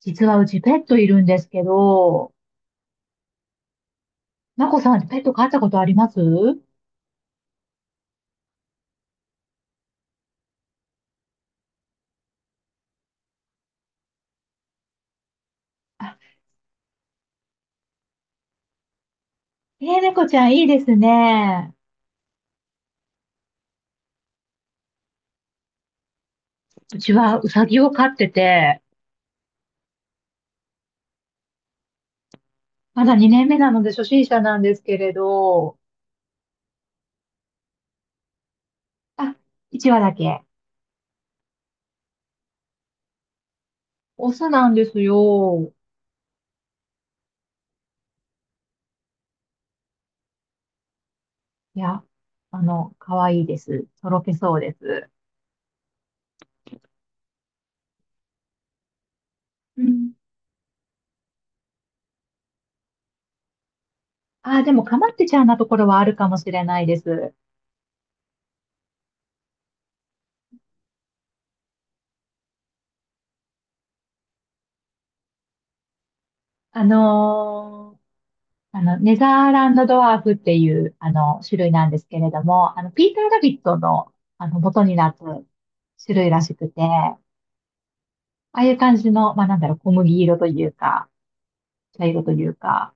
実はうちペットいるんですけど、まこさんペット飼ったことあります？あ、ええ、猫ちゃんいいですね。うちはうさぎを飼ってて、まだ2年目なので初心者なんですけれど、あ、1羽だけ。オスなんですよ。いや、可愛いいです。とろけそうです。うん。あ、でもかまってちゃんなところはあるかもしれないです。あのーネザーランドドワーフっていう、種類なんですけれども、ピーター・ラビットの、元になった種類らしくて、ああいう感じの、まあ、なんだろう、小麦色というか、茶色というか、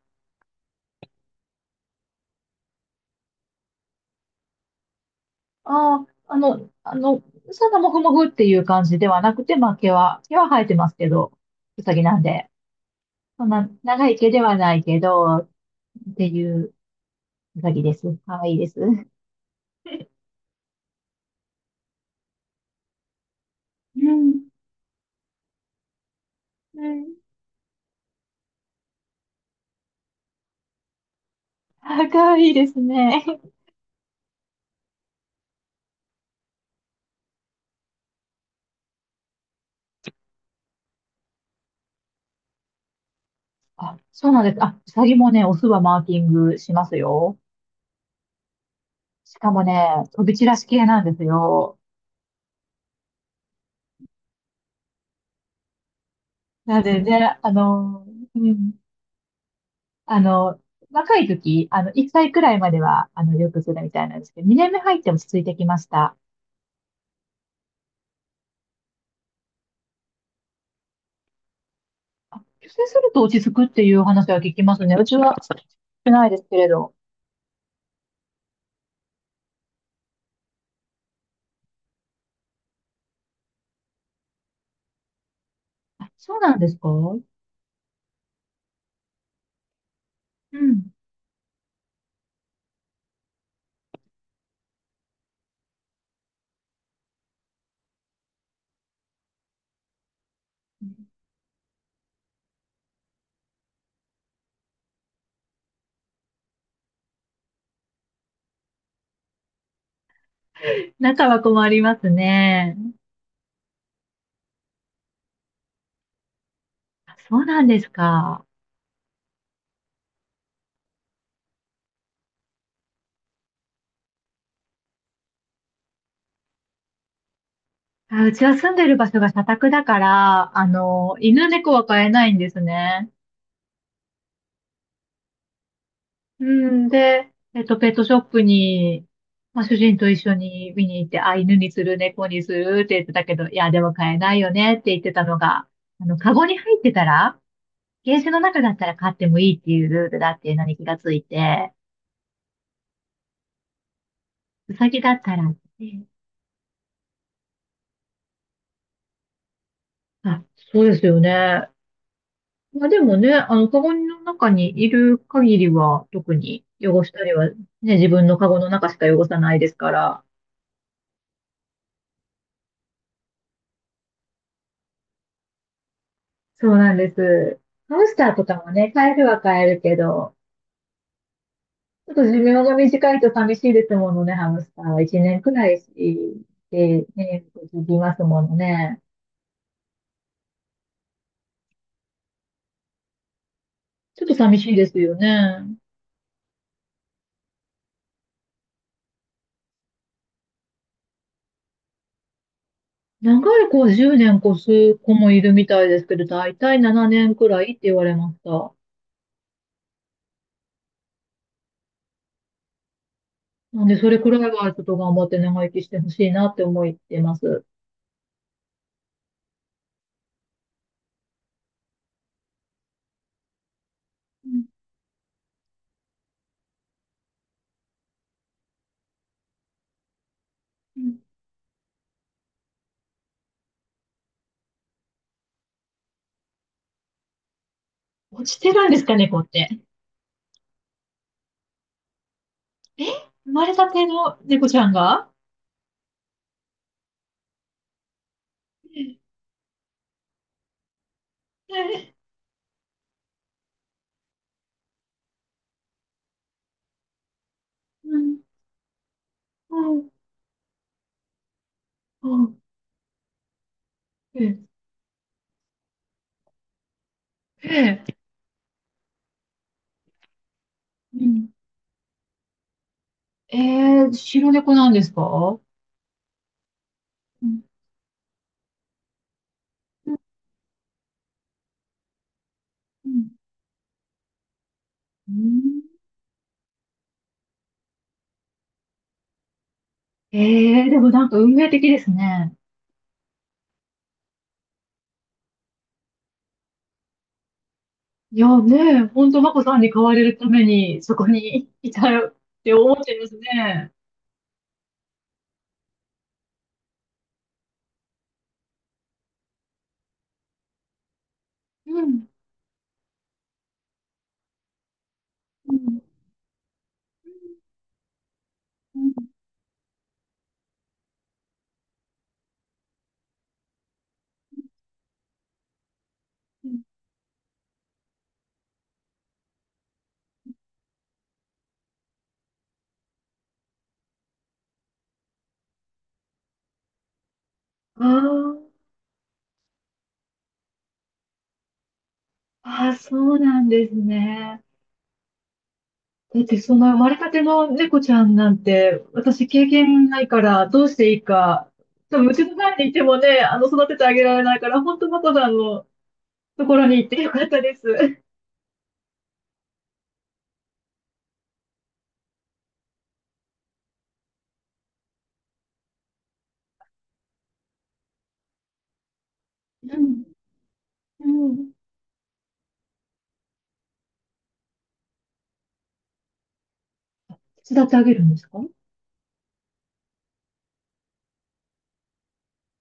ああ、そんなもふもふっていう感じではなくて、まあ、毛は生えてますけど、うさぎなんで、そんな長い毛ではないけど、っていううさぎです。かわいいです。うん。うん。あ、かわいいですね。あ、そうなんです。あ、うさぎもね、オスはマーキングしますよ。しかもね、飛び散らし系なんですよ。なんでね、うん、あの、若い時、1歳くらいまでは、よくするみたいなんですけど、2年目入って落ち着いてきました。あ、出世すると落ち着くっていう話は聞きますね。うちは、少ないですけれど。あ、そうなんですか？うん。仲は困りますね。あ、そうなんですか？あ、うちは住んでる場所が社宅だから、犬猫は飼えないんですね。うん。で、ペットショップに、まあ、主人と一緒に見に行って、あ、犬にする、猫にするって言ってたけど、いや、でも飼えないよねって言ってたのが、カゴに入ってたら、ケージの中だったら飼ってもいいっていうルールだっていうのに気がついて、ウサギだったら、あ、そうですよね。まあでもね、カゴの中にいる限りは、特に汚したりは、ね、自分のカゴの中しか汚さないですから。そうなんです。ハムスターとかもね、飼えるは飼えるけど、ちょっと寿命が短いと寂しいですものね、ハムスターは。1年くらいでね、続きますものね。ちょっと寂しいですよね。長い子は10年越す子もいるみたいですけど、だいたい7年くらいって言われました。なんで、それくらいはちょっと頑張って長生きしてほしいなって思ってます。うんうん、落ちてるんですかね、猫って。え、生まれたての猫ちゃんが？え、うん、うん、うん、え、え、うん。えー、白猫なんですか？うんうん。うんうん。えー、でもなんか運命的ですね。いやね、ほんとマコさんに飼われるためにそこにいたよって思っちゃいますね。うんうんうんうん。ああ、ああ、そうなんですね。だって、その生まれたての猫ちゃんなんて、私経験ないから、どうしていいか。多分、うちの前にいてもね、育ててあげられないから、本当マコさんのところに行ってよかったです。うん、うん。手伝ってあげるんですか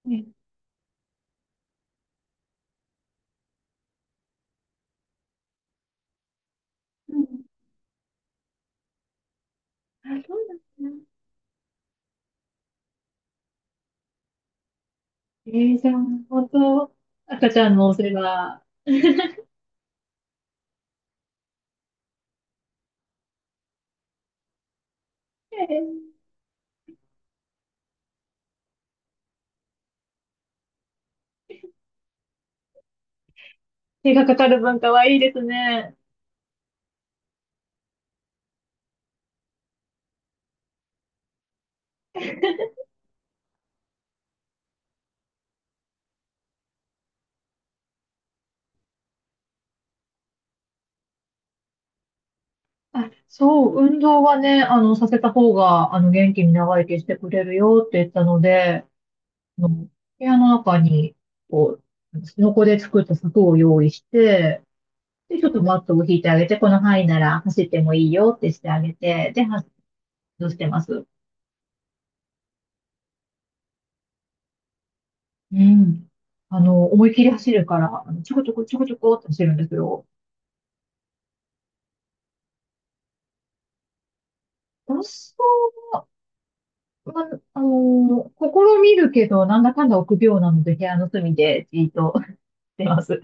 ね？うん。あ、そうなんですね。えー、じゃあ、本当、赤ちゃんのお世話、えー、手がかかる分かはいいですね。あ、そう、運動はね、させた方が、元気に長生きしてくれるよって言ったので、あの部屋の中に、こう、スノコで作った柵を用意して、で、ちょっとマットを引いてあげて、この範囲なら走ってもいいよってしてあげて、で、走ってます。うん。思いっきり走るから、ちょこちょこちょこちょこって走るんですよ。私は、まあの、試みるけど、なんだかんだ臆病なので、部屋の隅でじーっとしてます。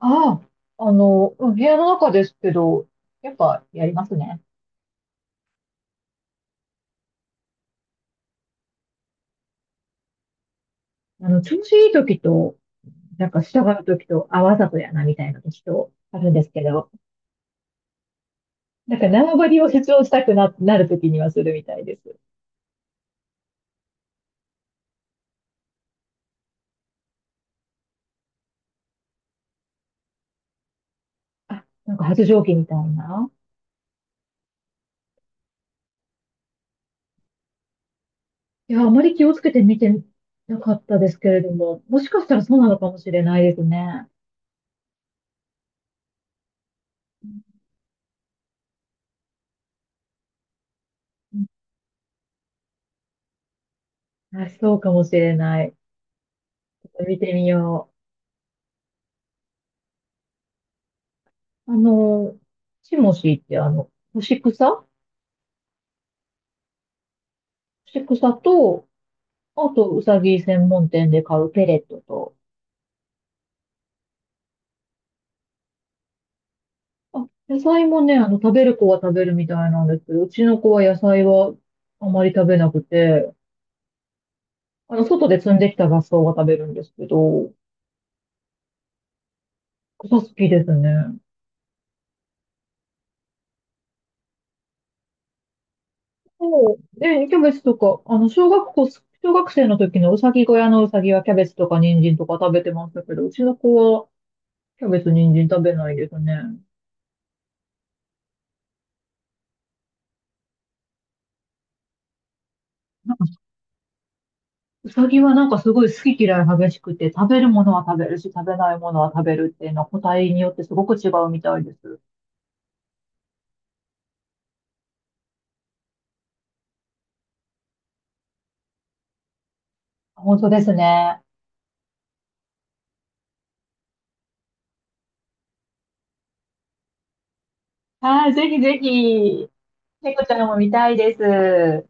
ああ、うん、部屋の中ですけど、やっぱやりますね。調子いい時と、なんか従う時と、あ、わざとやな、みたいな時と、あるんですけど、なんか縄張りを主張したくな、なる時にはするみたいです。あ、なんか発情期みたいな。いや、あまり気をつけて見てなかったですけれども、もしかしたらそうなのかもしれないですね。うん。あ、そうかもしれない。ちょっと見てみよう。チモシーって干し草と、あと、うさぎ専門店で買うペレットと、あ、野菜もね、食べる子は食べるみたいなんですけど、うちの子は野菜はあまり食べなくて、外で摘んできた雑草は食べるんですけど、草好きですね。そう。で、キャベツとか、小学生の時のうさぎ小屋のうさぎはキャベツとか人参とか食べてましたけど、うちの子はキャベツ、人参食べないですね。うさぎはなんかすごい好き嫌い激しくて、食べるものは食べるし、食べないものは食べるっていうのは個体によってすごく違うみたいです。本当ですね。はい、ぜひぜひ、猫ちゃんも見たいです。